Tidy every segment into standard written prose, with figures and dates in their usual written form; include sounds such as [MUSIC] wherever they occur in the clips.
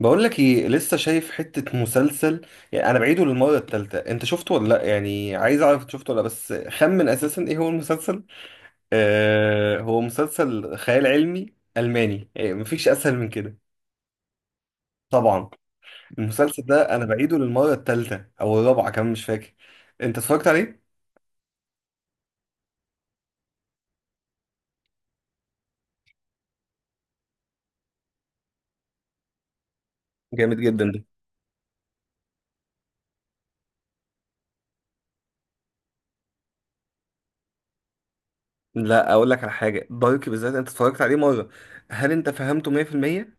بقول لك ايه، لسه شايف حتة مسلسل. يعني انا بعيده للمرة التالتة. انت شفته ولا لا؟ يعني عايز اعرف انت شفته ولا لأ، بس خمن اساسا ايه هو المسلسل. آه، هو مسلسل خيال علمي الماني. يعني مفيش اسهل من كده. طبعا. المسلسل ده انا بعيده للمرة التالتة او الرابعة، كمان مش فاكر. انت اتفرجت عليه؟ جامد جدا ده. لا، اقول لك على حاجة، دارك بالذات انت اتفرجت عليه مرة. هل انت فهمته 100%؟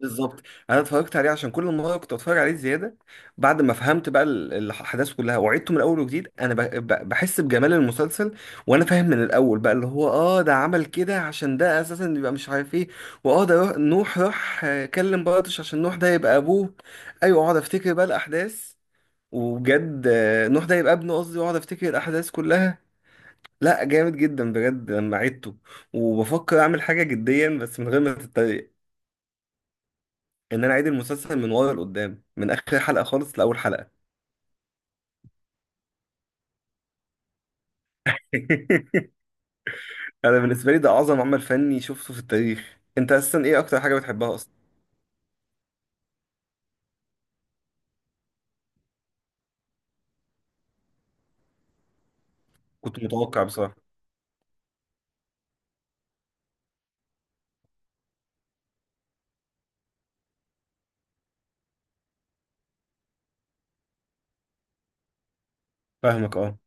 بالظبط. انا اتفرجت عليه عشان كل مره كنت اتفرج عليه زياده. بعد ما فهمت بقى ال- الاحداث كلها، وعدته من الاول وجديد، انا بحس بجمال المسلسل. وانا فاهم من الاول بقى اللي هو ده عمل كده، عشان ده اساسا يبقى مش عارف ايه. واه ده نوح راح كلم بارتش عشان نوح ده يبقى ابوه. ايوه، اقعد افتكر بقى الاحداث. وبجد نوح ده يبقى ابنه قصدي، واقعد افتكر الاحداث كلها. لا، جامد جدا بجد لما عدته. وبفكر اعمل حاجه جديا، بس من غير ما تتريق، ان انا اعيد المسلسل من ورا لقدام، من اخر حلقه خالص لاول حلقه. [LAUGHS] انا بالنسبه لي ده اعظم عمل فني شفته في التاريخ. انت اصلا ايه اكتر حاجه بتحبها اصلا؟ كنت متوقع بصراحه. فاهمك، اه.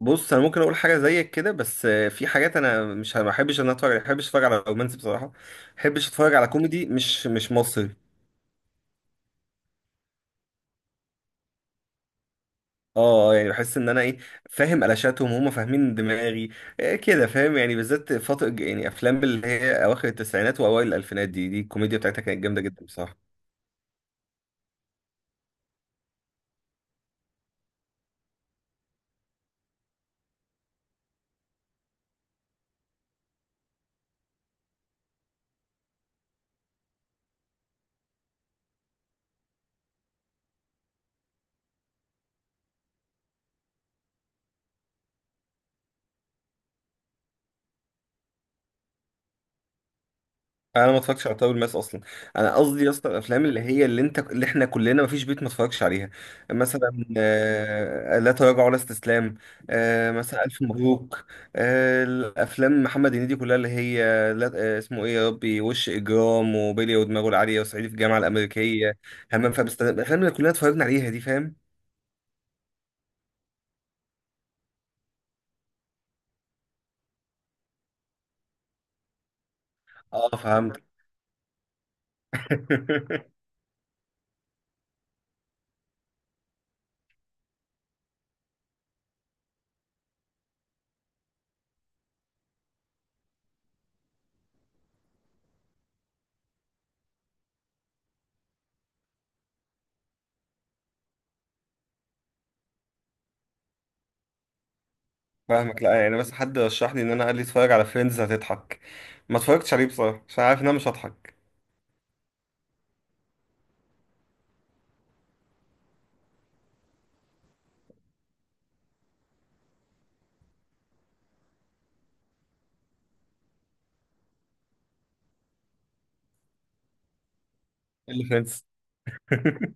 بص، انا ممكن اقول حاجه زيك كده، بس في حاجات انا مش ما بحبش ان أنا اتفرج عليها. ما بحبش اتفرج على رومانسي بصراحه. ما بحبش اتفرج على كوميدي مش مصري. اه، يعني بحس ان انا ايه، فاهم قلاشاتهم، هم فاهمين دماغي. كده فاهم، يعني بالذات فتره، يعني افلام اللي هي اواخر التسعينات واوائل الالفينات، دي الكوميديا بتاعتها كانت جامده جدا بصراحه. انا ما اتفرجتش على تاول ماس اصلا. انا قصدي يا اسطى الافلام اللي هي اللي انت اللي احنا كلنا ما فيش بيت ما اتفرجش عليها. مثلا لا تراجع ولا استسلام. مثلا الف مبروك. الافلام محمد هنيدي كلها اللي هي، لا، اسمه ايه يا ربي، وش اجرام، وبيلي، ودماغه العاليه، وصعيدي في الجامعه الامريكيه، همام في امستردام. الافلام اللي كلنا اتفرجنا عليها دي، فاهم. اه، فهمت. [LAUGHS] فاهمك، لا يعني، بس حد رشح لي، ان انا قال لي اتفرج على فريندز هتضحك. ما اتفرجتش عليه بصراحه عشان عارف ان انا مش هضحك. اللي فريندز. [LAUGHS]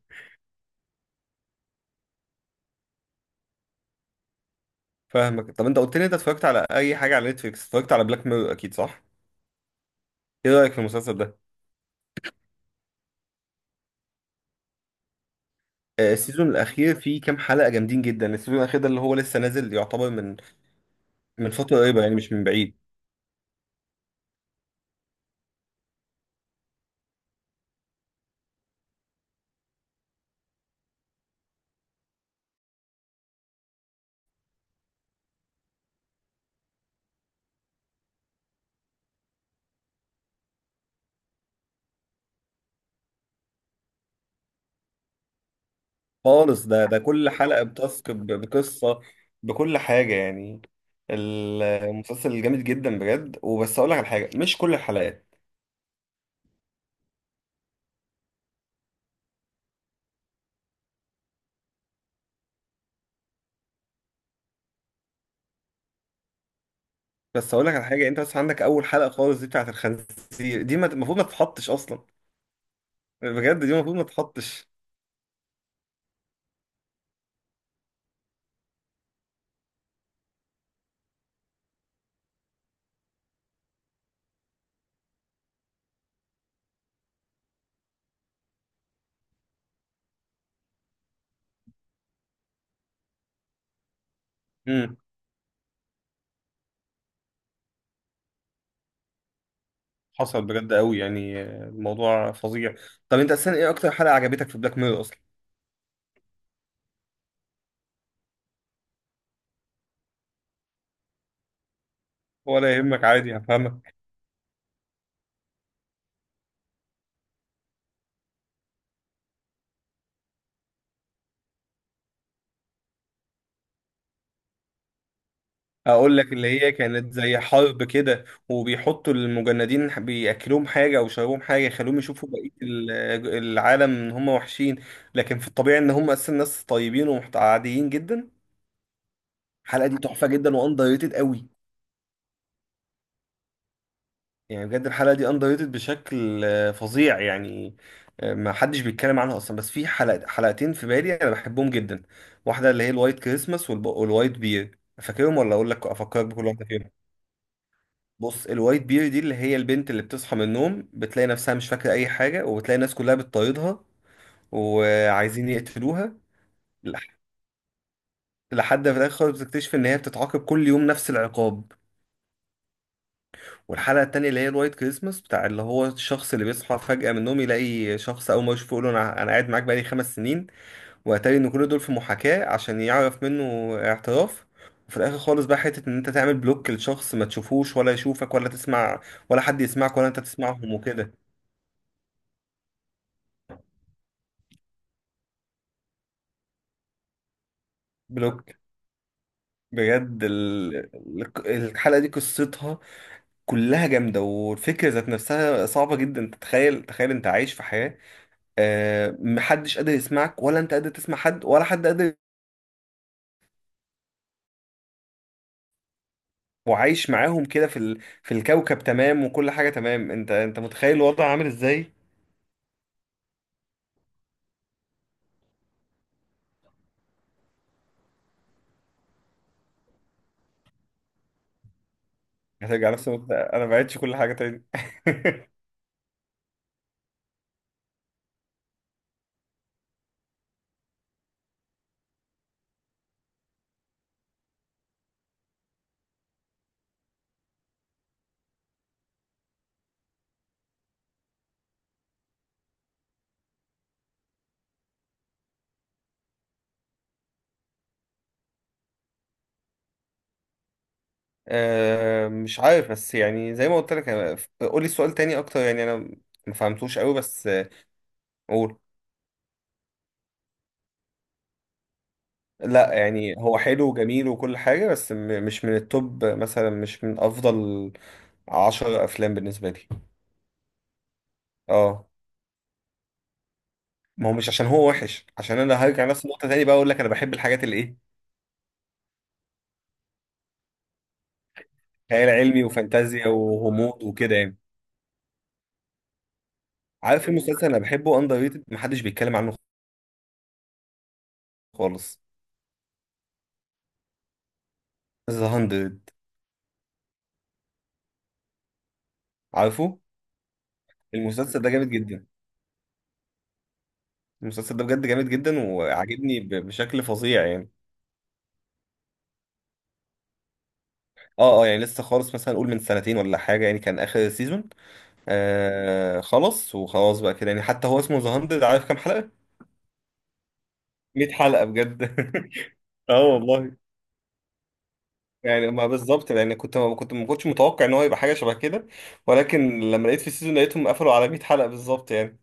فاهمك. طب انت قلت لي انت اتفرجت على اي حاجه على نتفليكس. اتفرجت على بلاك ميرور اكيد، صح؟ ايه رايك في المسلسل ده؟ السيزون الاخير فيه كام حلقه جامدين جدا. السيزون الاخير ده اللي هو لسه نازل، يعتبر من فتره قريبه، يعني مش من بعيد خالص. ده كل حلقه بتاسك بقصه، بكل حاجه يعني. المسلسل جامد جدا بجد. وبس اقول لك على حاجه، مش كل الحلقات. بس اقول لك على حاجه، انت بس عندك اول حلقه خالص دي بتاعت الخنزير دي المفروض ما تتحطش اصلا. بجد دي المفروض ما تتحطش. حصل بجد قوي يعني، الموضوع فظيع. طب انت اساسا ايه اكتر حلقة عجبتك في بلاك ميرور اصلا؟ ولا يهمك، عادي هفهمك. هقول لك، اللي هي كانت زي حرب كده، وبيحطوا المجندين بياكلوهم حاجة او يشربوهم حاجة، يخلوهم يشوفوا بقية العالم ان هم وحشين، لكن في الطبيعي ان هم اساسا ناس طيبين وعاديين جدا. الحلقة دي تحفة جدا واندر ريتد قوي. يعني بجد الحلقة دي اندر ريتد بشكل فظيع يعني. ما حدش بيتكلم عنها اصلا. بس في حلقة حلقتين في بالي انا بحبهم جدا. واحدة اللي هي الوايت كريسماس والوايت بير، فاكرهم ولا اقول لك افكرك بكل واحدة فيهم؟ بص، الوايت بير دي اللي هي البنت اللي بتصحى من النوم بتلاقي نفسها مش فاكرة اي حاجة، وبتلاقي الناس كلها بتطاردها وعايزين يقتلوها، لح- لحد في الاخر خالص بتكتشف ان هي بتتعاقب كل يوم نفس العقاب. والحلقة التانية اللي هي الوايت كريسماس بتاع اللي هو الشخص اللي بيصحى فجأة من النوم، يلاقي شخص أول ما يشوفه يقول له أنا قاعد معاك بقالي خمس سنين. وأتاري إن كل دول في محاكاة عشان يعرف منه اعتراف. وفي الآخر خالص بقى حتة إن أنت تعمل بلوك لشخص، ما تشوفوش ولا يشوفك، ولا تسمع ولا حد يسمعك، ولا أنت تسمعهم وكده. بلوك. بجد الحلقة دي قصتها كلها جامدة. والفكرة ذات نفسها صعبة جدا تتخيل. تخيل أنت عايش في حياة محدش قادر يسمعك ولا انت قادر تسمع حد ولا حد قادر. وعايش معاهم كده في الكوكب تمام، وكل حاجه تمام. انت متخيل الوضع عامل ازاي؟ هترجع نفس الوضع. انا ما بعتش كل حاجه تاني. أه، مش عارف، بس يعني زي ما قلت لك. قولي السؤال تاني اكتر. يعني انا ما فهمتوش قوي، بس قول. لا، يعني هو حلو وجميل وكل حاجه، بس مش من التوب مثلا، مش من افضل عشر افلام بالنسبه لي. اه. ما هو مش عشان هو وحش، عشان انا هرجع نفس النقطه تاني بقى، اقول لك انا بحب الحاجات اللي ايه، خيال علمي وفانتازيا وغموض وكده يعني. عارف في مسلسل انا بحبه اندر ريتد، محدش بيتكلم عنه خالص، ذا 100. عارفه. المسلسل ده جامد جدا. المسلسل ده بجد جامد جدا وعاجبني بشكل فظيع يعني. اه، اه، يعني لسه خالص، مثلا قول من سنتين ولا حاجه يعني كان اخر سيزون. آه، خلص وخلاص بقى كده، يعني حتى هو اسمه ذا 100، عارف كام حلقه؟ 100 حلقه بجد. [LAUGHS] اه والله. يعني ما بالظبط يعني، كنت ما كنت ما كنتش متوقع ان هو يبقى حاجه شبه كده، ولكن لما لقيت في السيزون لقيتهم قفلوا على 100 حلقه بالظبط يعني.